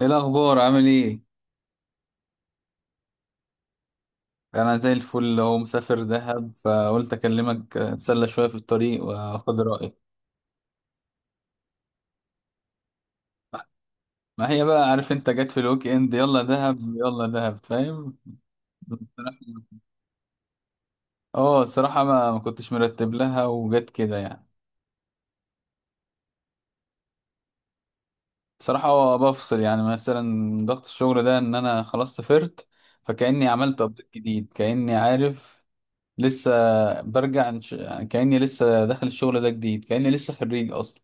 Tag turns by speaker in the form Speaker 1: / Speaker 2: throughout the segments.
Speaker 1: ايه الاخبار؟ عامل ايه؟ انا زي الفل اهو، مسافر دهب، فقلت اكلمك اتسلى شويه في الطريق واخد رايك. ما هي بقى، عارف انت، جت في الويك اند يلا دهب يلا دهب، فاهم. بصراحة- اه، الصراحه ما كنتش مرتب لها وجت كده يعني. بصراحه هو بفصل، يعني مثلا ضغط الشغل ده ان انا خلاص سافرت. فكاني عملت ابديت جديد، كاني عارف لسه برجع عن يعني كاني لسه داخل الشغل ده جديد، كاني لسه خريج اصلا.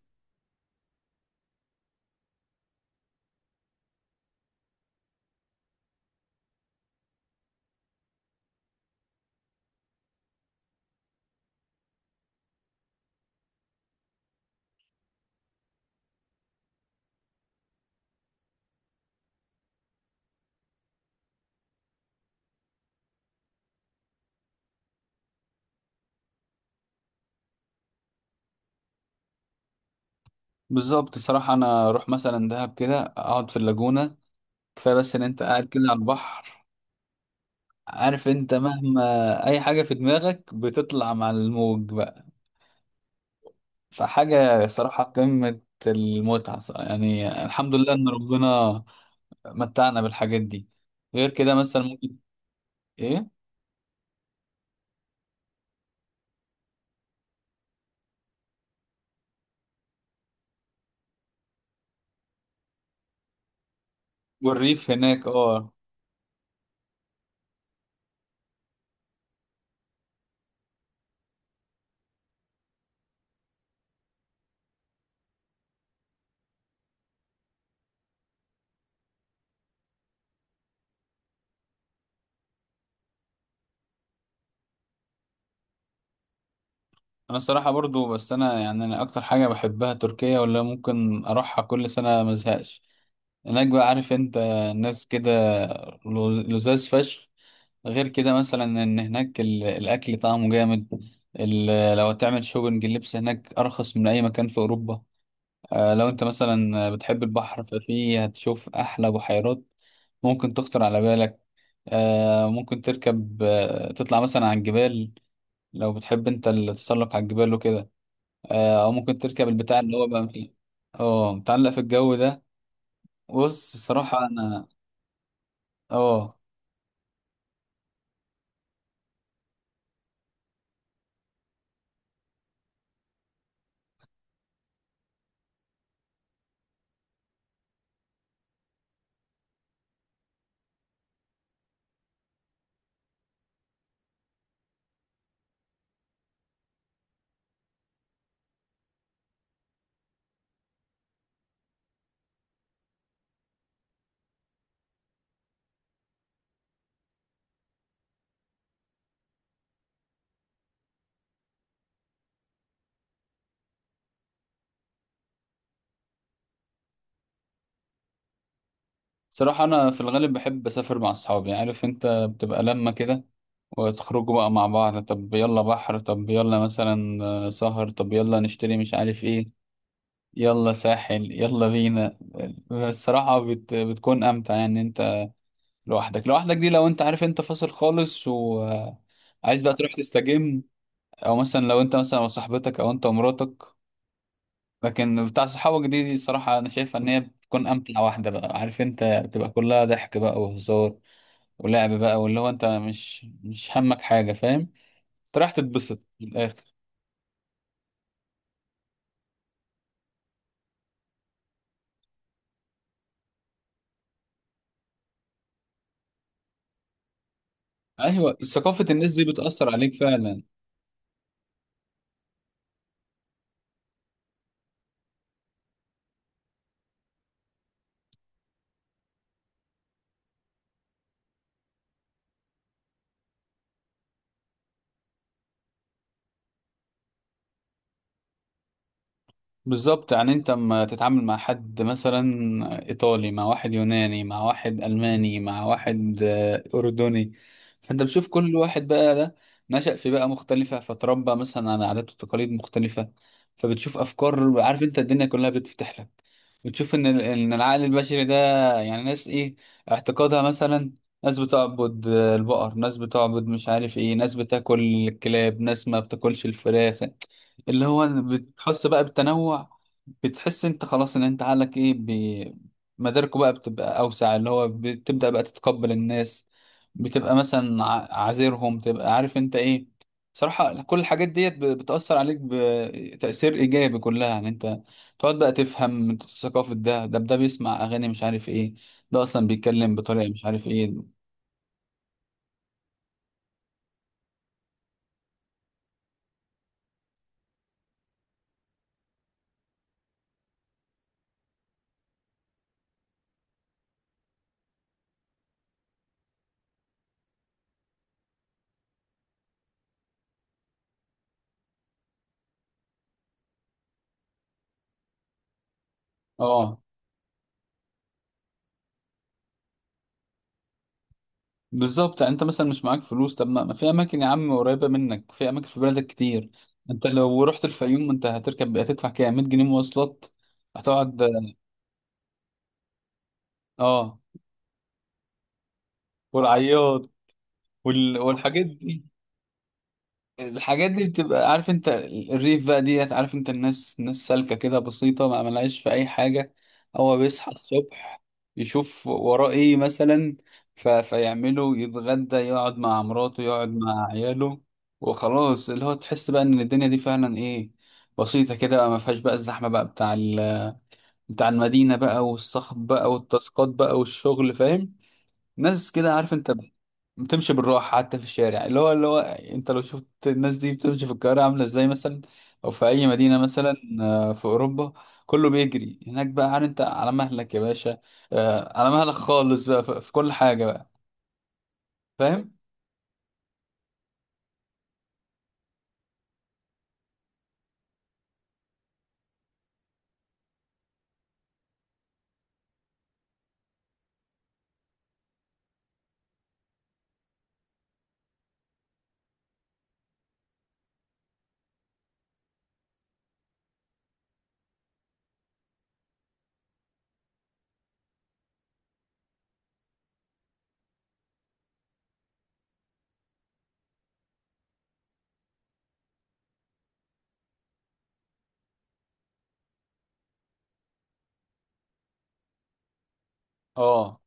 Speaker 1: بالظبط صراحة، أنا أروح مثلا دهب كده أقعد في اللاجونة. كفاية بس إن أنت قاعد كده على البحر، عارف أنت، مهما أي حاجة في دماغك بتطلع مع الموج بقى، فحاجة صراحة قمة المتعة صراحة. يعني الحمد لله إن ربنا متعنا بالحاجات دي. غير كده مثلا ممكن إيه، والريف هناك أه. أنا الصراحة برضو، بس أنا يعني أنا أكتر حاجة بحبها تركيا، ولا ممكن أروحها كل سنة مزهقش. الأجواء، عارف انت، الناس كده، لزاز فشخ. غير كده مثلا ان هناك الاكل طعمه جامد. لو تعمل شوبنج، اللبس هناك ارخص من اي مكان في اوروبا. آه، لو انت مثلا بتحب البحر ففي هتشوف احلى بحيرات ممكن تخطر على بالك. آه، ممكن تركب، تطلع مثلا على الجبال، لو بتحب انت التسلق على الجبال وكده. آه، او ممكن تركب البتاع اللي هو بقى فيه، اه، متعلق في الجو ده. بص، الصراحة انا اه صراحة أنا في الغالب بحب أسافر مع أصحابي، عارف أنت، بتبقى لما كده وتخرجوا بقى مع بعض، طب يلا بحر، طب يلا مثلا سهر، طب يلا نشتري مش عارف إيه، يلا ساحل يلا بينا. الصراحة بتكون أمتع يعني أنت لوحدك. لوحدك دي لو أنت، عارف أنت، فاصل خالص وعايز بقى تروح تستجم، أو مثلا لو أنت مثلا وصاحبتك أو أنت ومراتك. لكن بتاع صحابك دي الصراحة أنا شايفها إن هي بتكون أمتع واحدة بقى، عارف أنت، بتبقى كلها ضحك بقى وهزار ولعب بقى، واللي هو انت مش همك حاجه، فاهم، انت رايح تتبسط من الاخر. ايوه، ثقافه الناس دي بتاثر عليك فعلا. بالظبط، يعني انت اما تتعامل مع حد مثلا ايطالي، مع واحد يوناني، مع واحد الماني، مع واحد اردني، فانت بتشوف كل واحد بقى ده نشأ في بيئة مختلفة، فتربى مثلا على عادات وتقاليد مختلفة. فبتشوف افكار، عارف انت، الدنيا كلها بتفتح لك. بتشوف ان ان العقل البشري ده، يعني ناس ايه اعتقادها مثلا، ناس بتعبد البقر، ناس بتعبد مش عارف ايه، ناس بتاكل الكلاب، ناس ما بتاكلش الفراخ. اللي هو بتحس بقى بالتنوع، بتحس انت خلاص ان انت عقلك ايه مداركه بقى بتبقى اوسع، اللي هو بتبدأ بقى تتقبل الناس، بتبقى مثلا عازرهم، تبقى عارف انت ايه. صراحة كل الحاجات ديت بتأثر عليك بتأثير إيجابي كلها، يعني أنت تقعد بقى تفهم ثقافة ده، ده ده بيسمع أغاني مش عارف إيه، ده أصلا بيتكلم بطريقة مش عارف إيه. اه، بالظبط، يعني انت مثلا مش معاك فلوس، طب ما في اماكن يا عم قريبه منك، في اماكن في بلدك كتير. انت لو رحت الفيوم انت هتركب هتدفع كام، 100 جنيه مواصلات. هتقعد، اه، والعياط والحاجات دي. الحاجات دي بتبقى، عارف انت، الريف بقى ديت، عارف انت، الناس الناس سالكة كده بسيطة، ما ملهاش في اي حاجة. هو بيصحى الصبح، يشوف وراه ايه مثلا، فيعمله، يتغدى، يقعد مع مراته، يقعد مع عياله، وخلاص، اللي هو تحس بقى ان الدنيا دي فعلا ايه، بسيطة كده بقى، ما فيهاش بقى الزحمة بقى بتاع بتاع المدينة بقى، والصخب بقى، والتاسكات بقى، والشغل، فاهم. ناس كده، عارف انت، بتمشي بالراحه حتى في الشارع. اللي هو انت لو شفت الناس دي بتمشي في القاهره عامله ازاي مثلا، او في اي مدينه مثلا في اوروبا، كله بيجري هناك بقى. عارف انت، على مهلك يا باشا، على مهلك خالص بقى في كل حاجه بقى، فاهم. اه،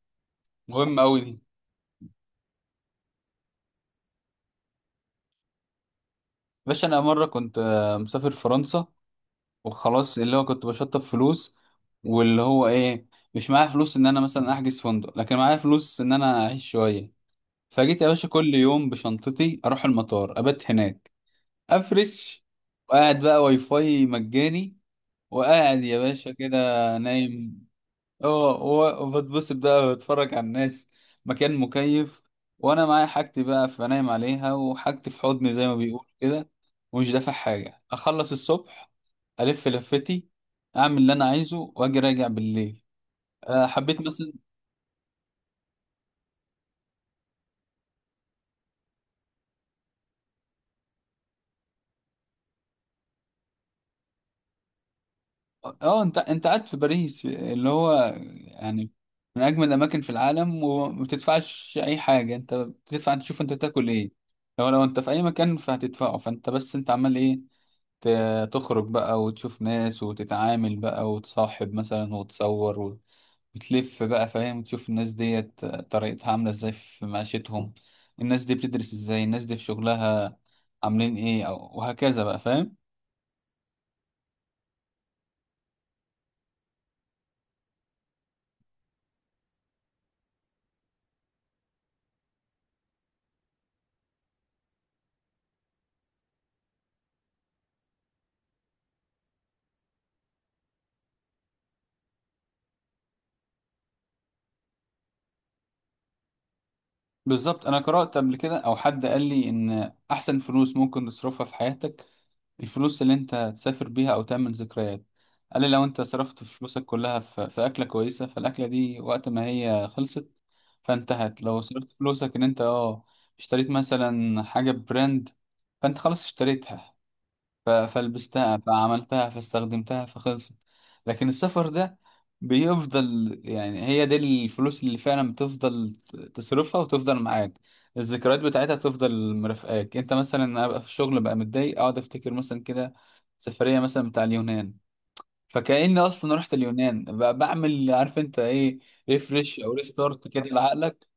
Speaker 1: مهم قوي دي. باشا، انا مره كنت مسافر فرنسا، وخلاص اللي هو كنت بشطب فلوس، واللي هو ايه، مش معايا فلوس ان انا مثلا احجز فندق، لكن معايا فلوس ان انا اعيش شويه. فجيت يا باشا كل يوم بشنطتي اروح المطار ابات هناك، افرش وقاعد بقى، واي فاي مجاني، وقاعد يا باشا كده نايم. اه، وبتبسط بقى، بتفرج على الناس، مكان مكيف، وانا معايا حاجتي بقى فنايم عليها، وحاجتي في حضني زي ما بيقول كده، ومش دافع حاجة. اخلص الصبح، الف لفتي، اعمل اللي انا عايزه، واجي راجع بالليل. حبيت مثلا. اه، انت قاعد في باريس، اللي هو يعني من اجمل الاماكن في العالم، وما بتدفعش اي حاجه، انت بتدفع انت تشوف انت تاكل ايه. لو انت في اي مكان فهتدفعه، فانت بس انت عمال ايه، تخرج بقى وتشوف ناس وتتعامل بقى وتصاحب مثلا، وتصور وتلف بقى، فاهم، تشوف الناس ديت طريقتها عامله ازاي في معيشتهم، الناس دي بتدرس ازاي، الناس دي في شغلها عاملين ايه، او وهكذا بقى، فاهم. بالظبط، انا قرأت قبل كده او حد قال لي ان احسن فلوس ممكن تصرفها في حياتك الفلوس اللي انت تسافر بيها او تعمل ذكريات. قال لي لو انت صرفت فلوسك كلها في, اكلة كويسة فالاكلة دي وقت ما هي خلصت فانتهت. لو صرفت فلوسك ان انت اشتريت مثلا حاجة براند، فانت خلاص اشتريتها، فلبستها فعملتها فاستخدمتها فخلصت. لكن السفر ده بيفضل، يعني هي دي الفلوس اللي فعلا بتفضل تصرفها وتفضل معاك الذكريات بتاعتها، تفضل مرافقاك انت. مثلا ابقى في الشغل بقى متضايق، اقعد افتكر مثلا كده سفرية مثلا بتاع اليونان، فكأني اصلا رحت اليونان بقى، بعمل عارف انت ايه، ريفرش او ريستارت كده لعقلك.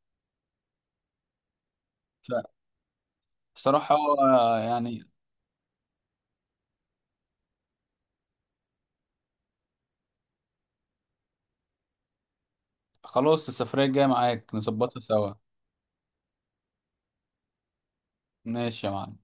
Speaker 1: فبصراحة هو يعني خلاص، السفرية الجاية معاك نظبطها سوا. ماشي يا معلم.